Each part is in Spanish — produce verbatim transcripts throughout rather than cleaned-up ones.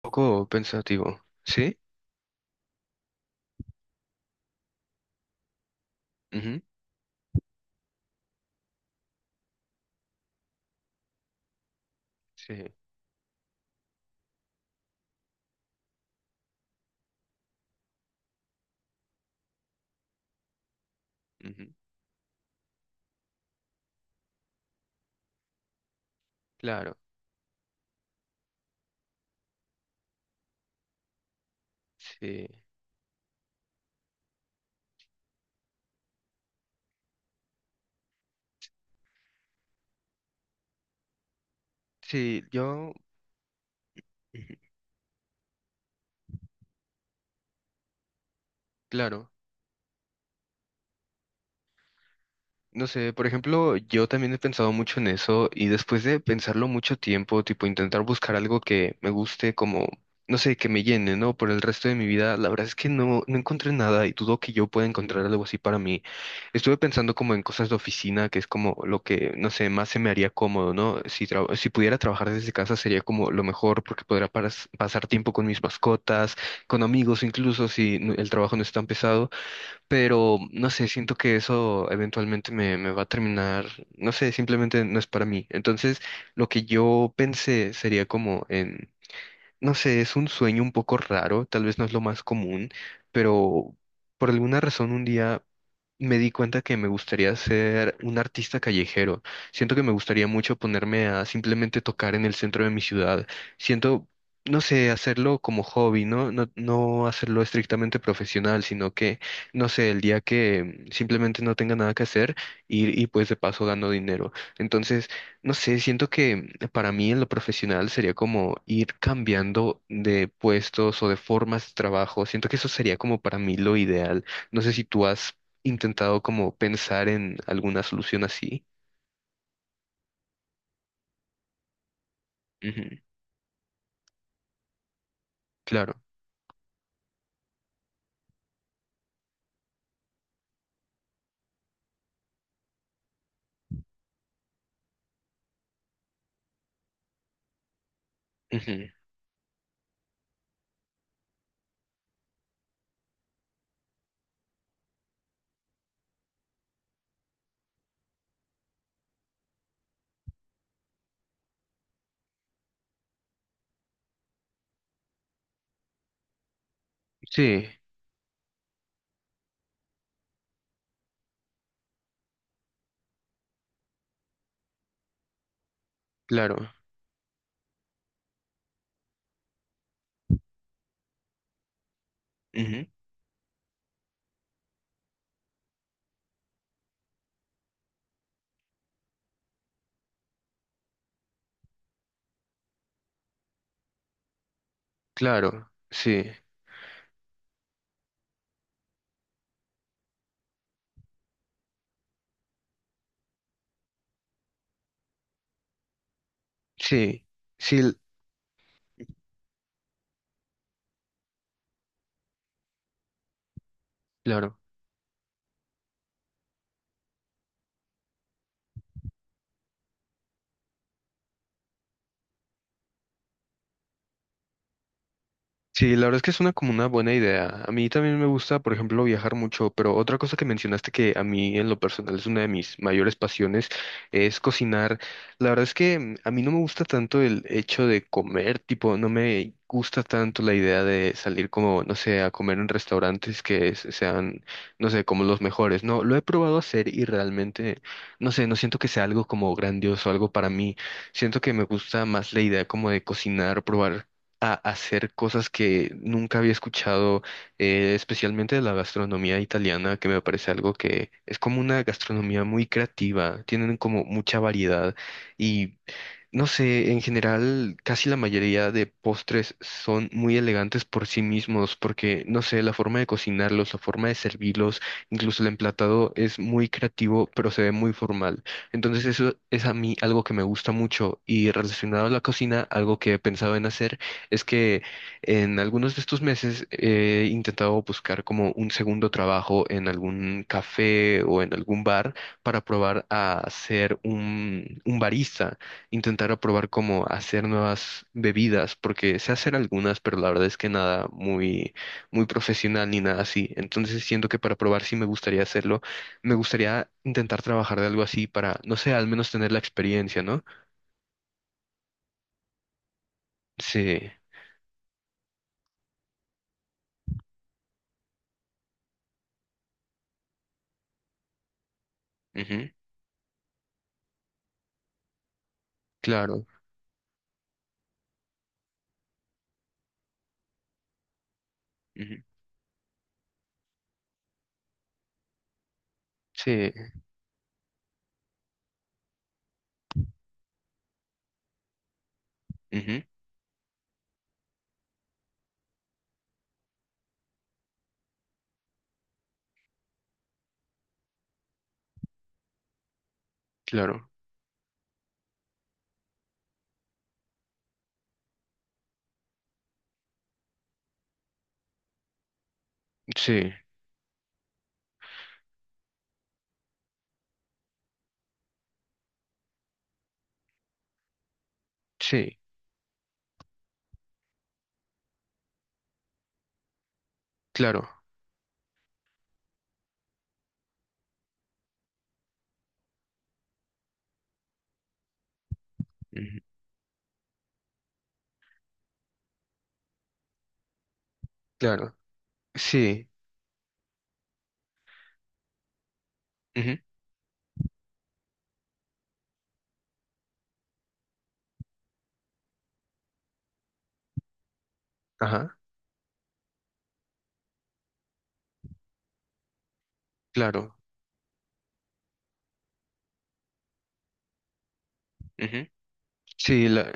Poco pensativo, ¿sí? Ujú, sí, ujú, claro, sí, sí, yo, ujú, claro, no sé, por ejemplo, yo también he pensado mucho en eso y después de pensarlo mucho tiempo, tipo intentar buscar algo que me guste como, no sé, que me llene, ¿no? Por el resto de mi vida, la verdad es que no, no encontré nada y dudo que yo pueda encontrar algo así para mí. Estuve pensando como en cosas de oficina, que es como lo que, no sé, más se me haría cómodo, ¿no? Si, tra- si pudiera trabajar desde casa sería como lo mejor porque podría paras- pasar tiempo con mis mascotas, con amigos, incluso si no- el trabajo no es tan pesado, pero no sé, siento que eso eventualmente me, me va a terminar, no sé, simplemente no es para mí. Entonces, lo que yo pensé sería como en, no sé, es un sueño un poco raro, tal vez no es lo más común, pero por alguna razón un día me di cuenta que me gustaría ser un artista callejero. Siento que me gustaría mucho ponerme a simplemente tocar en el centro de mi ciudad. Siento, no sé, hacerlo como hobby, ¿no? No, no hacerlo estrictamente profesional, sino que, no sé, el día que simplemente no tenga nada que hacer y, y pues de paso gano dinero. Entonces, no sé, siento que para mí en lo profesional sería como ir cambiando de puestos o de formas de trabajo. Siento que eso sería como para mí lo ideal. No sé si tú has intentado como pensar en alguna solución así. Ujú, claro, ujú, sí, claro, ujú, claro, sí, sí, sí, l- claro. Sí, la verdad es que es una como una buena idea. A mí también me gusta, por ejemplo, viajar mucho, pero otra cosa que mencionaste que a mí en lo personal es una de mis mayores pasiones es cocinar. La verdad es que mm, a mí no me gusta tanto el hecho de comer, tipo, no me gusta tanto la idea de salir como, no sé, a comer en restaurantes que se- sean, no sé, como los mejores. No, lo he probado a hacer y realmente, no sé, no siento que sea algo como grandioso, algo para mí. Siento que me gusta más la idea como de cocinar, probar a hacer cosas que nunca había escuchado, eh, especialmente de la gastronomía italiana, que me parece algo que es como una gastronomía muy creativa, tienen como mucha variedad y no sé, en general casi la mayoría de postres son muy elegantes por sí mismos, porque no sé, la forma de cocinarlos, la forma de servirlos, incluso el emplatado es muy creativo, pero se ve muy formal. Entonces eso es a mí algo que me gusta mucho y relacionado a la cocina, algo que he pensado en hacer es que en algunos de estos meses he intentado buscar como un segundo trabajo en algún café o en algún bar para probar a ser un, un barista, intentar aprobar cómo hacer nuevas bebidas, porque sé hacer algunas, pero la verdad es que nada muy, muy profesional ni nada así. Entonces siento que para probar sí me gustaría hacerlo. Me gustaría intentar trabajar de algo así para, no sé, al menos tener la experiencia, ¿no? Sí, ujú, claro, ujú, sí, ujú, claro, sí, sí, claro, ujú, claro, sí, ujú, ajá, claro, ujú, sí, la,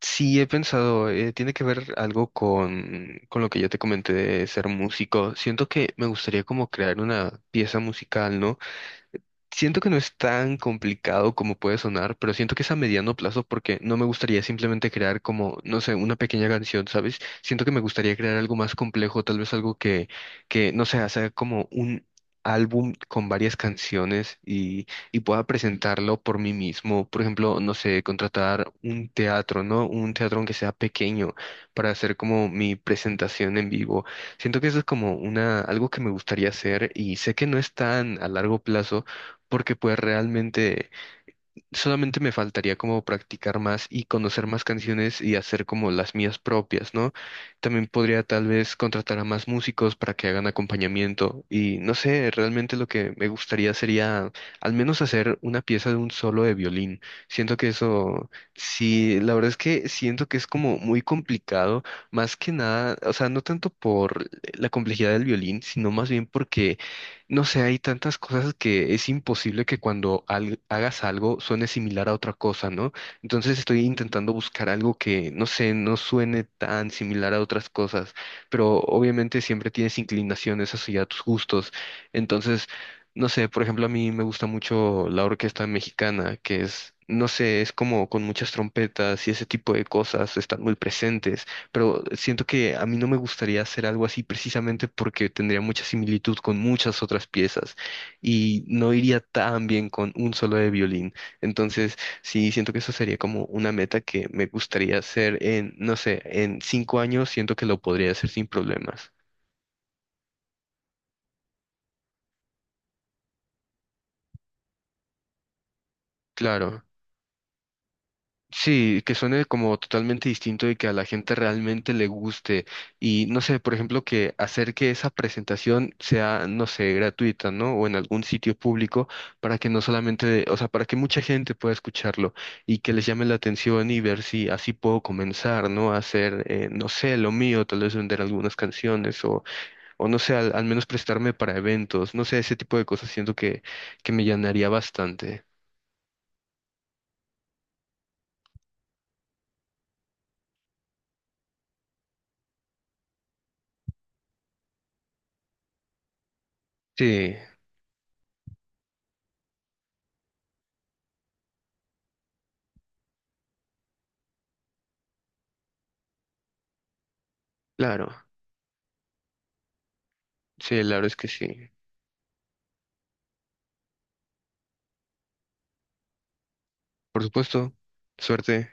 sí, he pensado, eh, tiene que ver algo con, con lo que yo te comenté de ser músico. Siento que me gustaría como crear una pieza musical, ¿no? Siento que no es tan complicado como puede sonar, pero siento que es a mediano plazo porque no me gustaría simplemente crear como, no sé, una pequeña canción, ¿sabes? Siento que me gustaría crear algo más complejo, tal vez algo que, que no sé, hacer como un álbum con varias canciones y, y pueda presentarlo por mí mismo. Por ejemplo, no sé, contratar un teatro, ¿no? Un teatro aunque sea pequeño para hacer como mi presentación en vivo. Siento que eso es como una, algo que me gustaría hacer y sé que no es tan a largo plazo porque pues realmente solamente me faltaría como practicar más y conocer más canciones y hacer como las mías propias, ¿no? También podría tal vez contratar a más músicos para que hagan acompañamiento y no sé, realmente lo que me gustaría sería al menos hacer una pieza de un solo de violín. Siento que eso, sí, la verdad es que siento que es como muy complicado, más que nada, o sea, no tanto por la complejidad del violín, sino más bien porque no sé, hay tantas cosas que es imposible que cuando al- hagas algo suene similar a otra cosa, ¿no? Entonces estoy intentando buscar algo que, no sé, no suene tan similar a otras cosas, pero obviamente siempre tienes inclinaciones hacia tus gustos. Entonces, no sé, por ejemplo, a mí me gusta mucho la orquesta mexicana, que es, no sé, es como con muchas trompetas y ese tipo de cosas están muy presentes, pero siento que a mí no me gustaría hacer algo así precisamente porque tendría mucha similitud con muchas otras piezas y no iría tan bien con un solo de violín. Entonces, sí, siento que eso sería como una meta que me gustaría hacer en, no sé, en cinco años, siento que lo podría hacer sin problemas. Claro. Sí, que suene como totalmente distinto y que a la gente realmente le guste. Y no sé, por ejemplo, que hacer que esa presentación sea, no sé, gratuita, ¿no? O en algún sitio público para que no solamente, o sea, para que mucha gente pueda escucharlo y que les llame la atención y ver si así puedo comenzar, ¿no? A hacer, eh, no sé, lo mío, tal vez vender algunas canciones o, o no sé, al, al menos prestarme para eventos, no sé, ese tipo de cosas siento que, que me llenaría bastante. Sí, claro, sí, claro es que sí. Por supuesto, suerte.